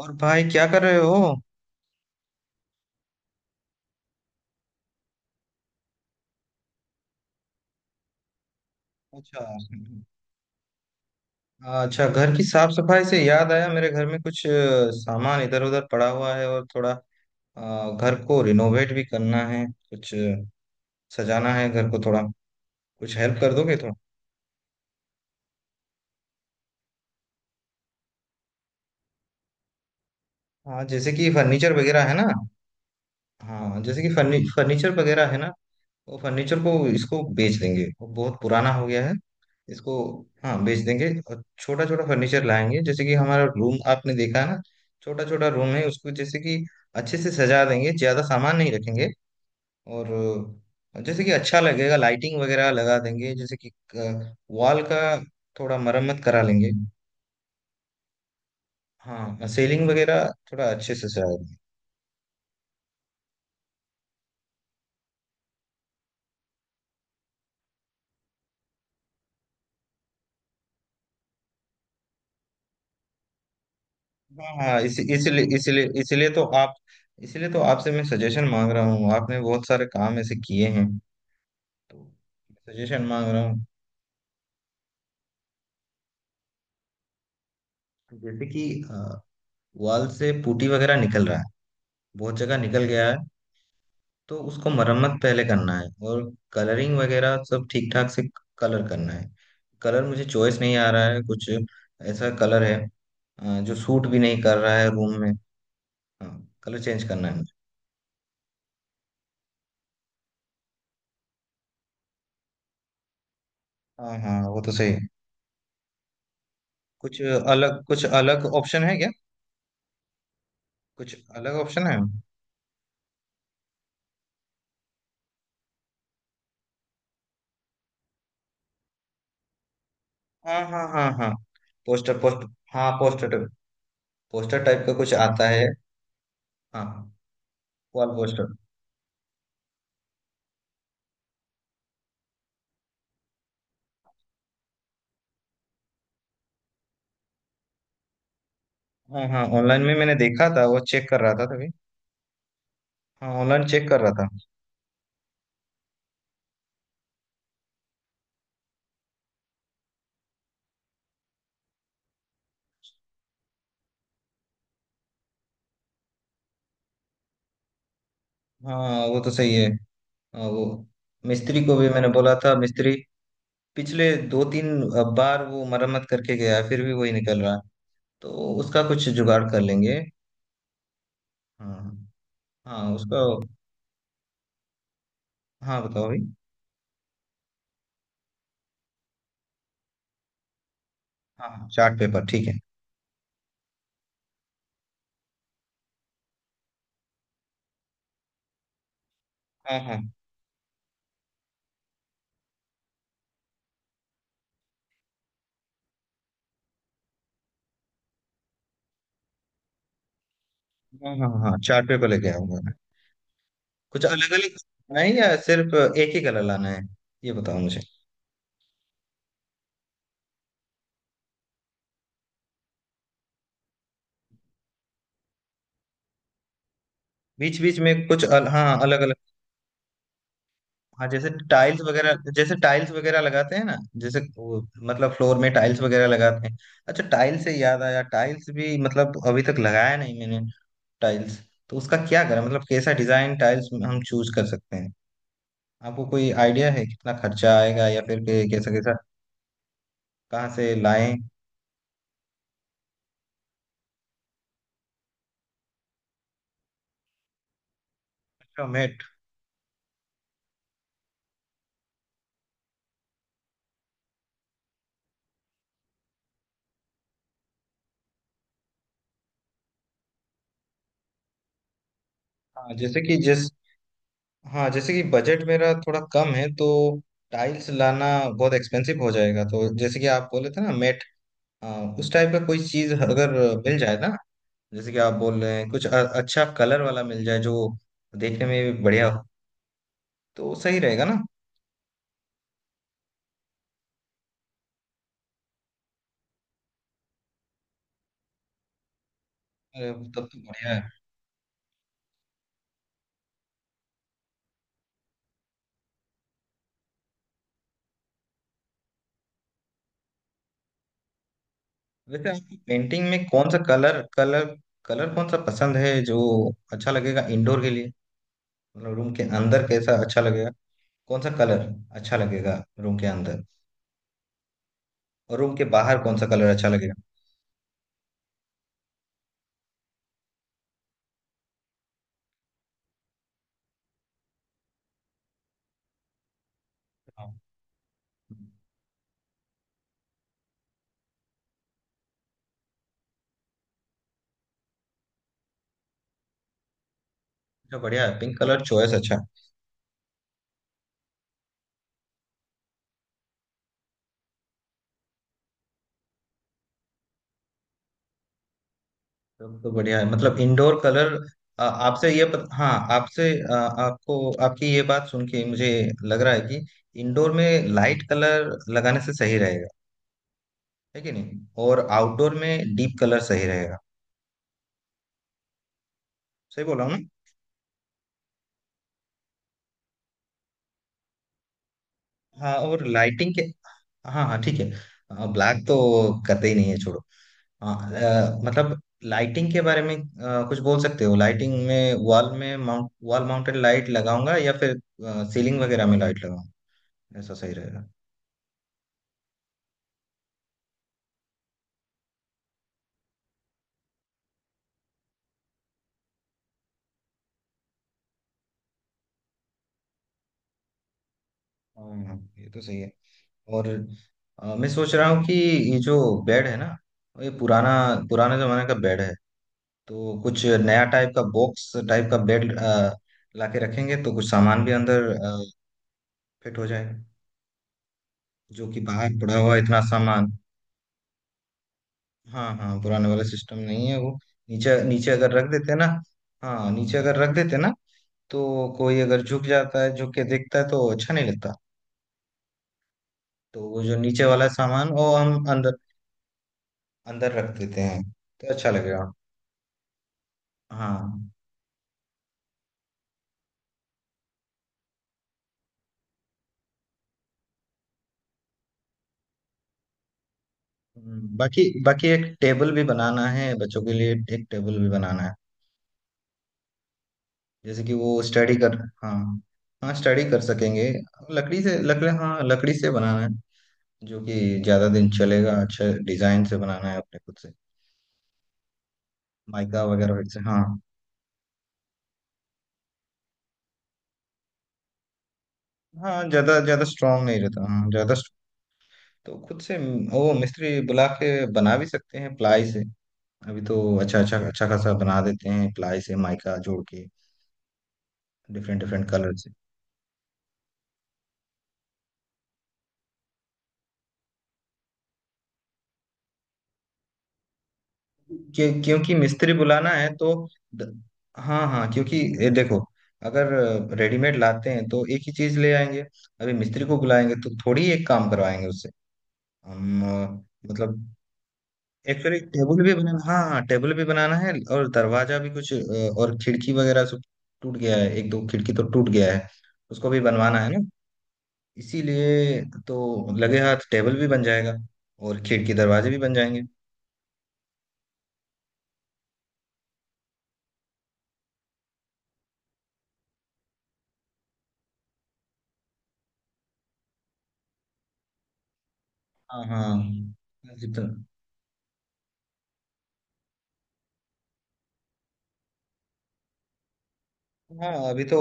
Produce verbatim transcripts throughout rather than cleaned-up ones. और भाई क्या कर रहे हो? अच्छा। हाँ, अच्छा, घर की साफ सफाई से याद आया, मेरे घर में कुछ अ, सामान इधर उधर पड़ा हुआ है और थोड़ा अ, घर को रिनोवेट भी करना है, कुछ अ, सजाना है घर को थोड़ा। कुछ हेल्प कर दोगे थोड़ा? हाँ, जैसे कि फर्नीचर वगैरह है ना। हाँ, जैसे कि फर्नी फर्नीचर वगैरह है ना। वो फर्नीचर को, इसको बेच देंगे, वो बहुत पुराना हो गया है इसको। हाँ, बेच देंगे और छोटा छोटा फर्नीचर लाएंगे। जैसे कि हमारा रूम आपने देखा है ना, छोटा छोटा रूम है उसको, जैसे कि अच्छे से सजा देंगे, ज्यादा सामान नहीं रखेंगे। और अ, जैसे कि अच्छा लगेगा, लाइटिंग वगैरह लगा देंगे। जैसे कि वॉल का थोड़ा मरम्मत करा लेंगे। हाँ, सीलिंग वगैरह थोड़ा अच्छे से सजा देंगे। हाँ इस, इसलिए इसलिए इसलिए तो आप, इसलिए तो आपसे मैं सजेशन मांग रहा हूँ। आपने बहुत सारे काम ऐसे किए हैं, तो सजेशन मांग रहा हूँ। जैसे कि अ, वॉल से पुटी वगैरह निकल रहा है, बहुत जगह निकल गया है। तो उसको मरम्मत पहले करना है और कलरिंग वगैरह सब ठीक ठाक से कलर करना है। कलर मुझे चॉइस नहीं आ रहा है, कुछ ऐसा कलर है अ, जो सूट भी नहीं कर रहा है रूम में। हाँ, कलर चेंज करना है मुझे। हाँ हाँ, वो तो सही है। कुछ अलग, कुछ अलग ऑप्शन है क्या? कुछ अलग ऑप्शन है। हाँ हाँ हाँ हाँ। पोस्टर पोस्ट, हाँ पोस्टर, पोस्टर टाइप का कुछ आता है। हाँ, वॉल पोस्टर। हाँ हाँ, ऑनलाइन में मैंने देखा था, वो चेक कर रहा था तभी। हाँ, ऑनलाइन चेक कर रहा था। हाँ, वो तो सही है। हाँ, वो मिस्त्री को भी मैंने बोला था। मिस्त्री पिछले दो तीन बार वो मरम्मत करके गया है, फिर भी वही निकल रहा है। तो उसका कुछ जुगाड़ कर लेंगे। हाँ हाँ, उसका। हाँ, बताओ भाई। हाँ, चार्ट पेपर ठीक है। हाँ हाँ हाँ हाँ। हाँ, चार्ट पेपर लेके आऊंगा। कुछ अलग अलग लाना है या सिर्फ एक ही कलर लाना है, ये बताओ मुझे। बीच बीच में कुछ अल, हाँ अलग अलग। हाँ, जैसे टाइल्स वगैरह, जैसे टाइल्स वगैरह लगाते हैं ना। जैसे वो, मतलब फ्लोर में टाइल्स वगैरह लगाते हैं। अच्छा, टाइल्स से याद आया, टाइल्स भी मतलब अभी तक लगाया नहीं मैंने। टाइल्स, तो उसका क्या करें, मतलब कैसा डिजाइन टाइल्स हम चूज कर सकते हैं? आपको कोई आइडिया है कितना खर्चा आएगा या फिर के, कैसा कैसा, कहाँ से लाएं? अच्छा, मैट। हाँ जैसे कि जिस हाँ, जैसे कि बजट मेरा थोड़ा कम है, तो टाइल्स लाना बहुत एक्सपेंसिव हो जाएगा। तो जैसे कि आप बोले थे ना, मैट, उस टाइप का कोई चीज अगर मिल जाए ना, जैसे कि आप बोल रहे हैं, कुछ अ- अच्छा कलर वाला मिल जाए जो देखने में भी बढ़िया हो, तो सही रहेगा ना। अरे, तब तो बढ़िया है। वैसे आपकी पेंटिंग में कौन सा कलर, कलर कलर कौन सा पसंद है जो अच्छा लगेगा इंडोर के लिए? मतलब रूम के अंदर कैसा अच्छा लगेगा? कौन सा कलर अच्छा लगेगा रूम के अंदर और रूम के बाहर कौन सा कलर अच्छा लगेगा? अच्छा। बढ़िया है, पिंक कलर चॉइस अच्छा है। तब तो बढ़िया है, मतलब इंडोर कलर। आ, आपसे ये पत, हाँ आपसे आ, आपको, आपकी ये बात सुन के मुझे लग रहा है कि इंडोर में लाइट कलर लगाने से सही रहेगा, है कि नहीं, और आउटडोर में डीप कलर सही रहेगा। सही बोला हूँ ना? हाँ, और लाइटिंग के, हाँ हाँ ठीक है। ब्लैक तो करते ही नहीं है, छोड़ो। हाँ, अ, मतलब लाइटिंग के बारे में अ, कुछ बोल सकते हो? लाइटिंग में वॉल में माउंट वॉल माउंटेड लाइट लगाऊंगा या फिर सीलिंग वगैरह में लाइट लगाऊंगा, ऐसा सही रहेगा? हाँ, ये तो सही है। और अ, मैं सोच रहा हूँ कि ये जो बेड है ना, ये पुराना, पुराने जमाने का बेड है। तो कुछ नया टाइप का, बॉक्स टाइप का बेड लाके रखेंगे तो कुछ सामान भी अंदर फिट हो जाएगा, जो कि बाहर पड़ा हुआ है इतना सामान। हाँ हाँ, पुराने वाला सिस्टम नहीं है वो। नीचे नीचे अगर रख देते ना, हाँ नीचे अगर रख देते ना, तो कोई अगर झुक जाता है, झुक के देखता है तो अच्छा नहीं लगता। तो वो जो नीचे वाला सामान वो हम अंदर अंदर रख देते हैं, तो अच्छा लगेगा। हाँ। हम्म, बाकी बाकी एक टेबल भी बनाना है बच्चों के लिए, एक टेबल भी बनाना है। जैसे कि वो स्टडी कर हाँ, हाँ, स्टडी कर सकेंगे। लकड़ी से लकड़ी, हाँ लकड़ी से बनाना है, जो कि ज्यादा दिन चलेगा। अच्छा डिजाइन से बनाना है अपने खुद से, माइका वगैरह से। हाँ हाँ, ज्यादा ज्यादा स्ट्रांग नहीं रहता। हाँ ज्यादा str- तो खुद से म- वो मिस्त्री बुला के बना भी सकते हैं प्लाई से। अभी तो अच्छा अच्छा अच्छा खासा बना देते हैं प्लाई से, माइका जोड़ के, डिफरेंट डिफरेंट कलर से। क्यों क्योंकि मिस्त्री बुलाना है तो, द, हाँ हाँ, क्योंकि ये देखो, अगर रेडीमेड लाते हैं तो एक ही चीज ले आएंगे, अभी मिस्त्री को बुलाएंगे तो थोड़ी एक काम करवाएंगे उससे। हम अ, मतलब एक्चुअली टेबल भी बनाना, हाँ हाँ, टेबल भी बनाना है, और दरवाजा भी कुछ, अ, और खिड़की वगैरह सब टूट गया है, एक दो खिड़की तो टूट गया है, उसको भी बनवाना है ना, इसीलिए। तो लगे हाथ टेबल भी बन जाएगा, और खिड़की दरवाजे भी बन जाएंगे। हाँ हाँ, जितना, हाँ अभी तो,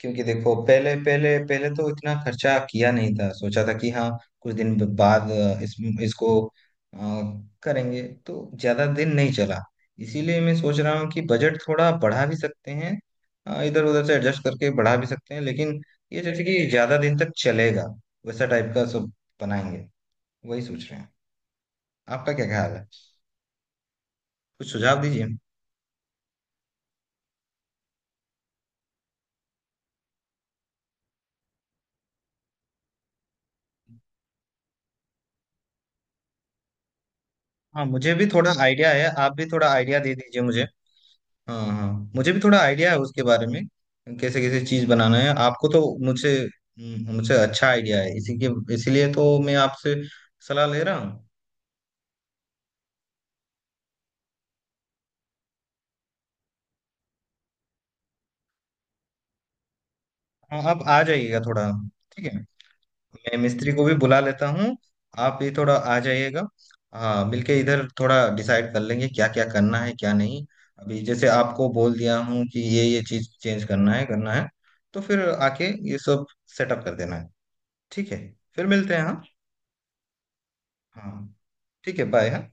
क्योंकि देखो, पहले पहले पहले तो इतना खर्चा किया नहीं था, सोचा था कि हाँ कुछ दिन ब- बाद अ, इस, इसको अ, करेंगे, तो ज्यादा दिन नहीं चला। इसीलिए मैं सोच रहा हूँ कि बजट थोड़ा बढ़ा भी सकते हैं, इधर उधर से एडजस्ट करके बढ़ा भी सकते हैं, लेकिन ये जैसे कि ज्यादा दिन तक चलेगा, वैसा टाइप का सब बनाएंगे, वही सोच रहे हैं। आपका क्या ख्याल है? कुछ सुझाव दीजिए। हाँ, मुझे भी थोड़ा आइडिया है, आप भी थोड़ा आइडिया दे दीजिए मुझे। हाँ हाँ, मुझे भी थोड़ा आइडिया है उसके बारे में, कैसे कैसे चीज बनाना है। आपको तो मुझे हम्म, मुझे अच्छा आइडिया है इसी के, इसीलिए तो मैं आपसे सलाह ले रहा हूँ। हाँ, आप आ जाइएगा थोड़ा, ठीक है, मैं मिस्त्री को भी बुला लेता हूँ, आप भी थोड़ा आ जाइएगा। हाँ, मिलके इधर थोड़ा डिसाइड कर लेंगे क्या क्या करना है क्या नहीं। अभी जैसे आपको बोल दिया हूँ कि ये ये चीज चेंज करना है, करना है तो फिर आके ये सब सेटअप कर देना है। ठीक है, फिर मिलते हैं। हाँ हाँ, ठीक है, बाय। हाँ।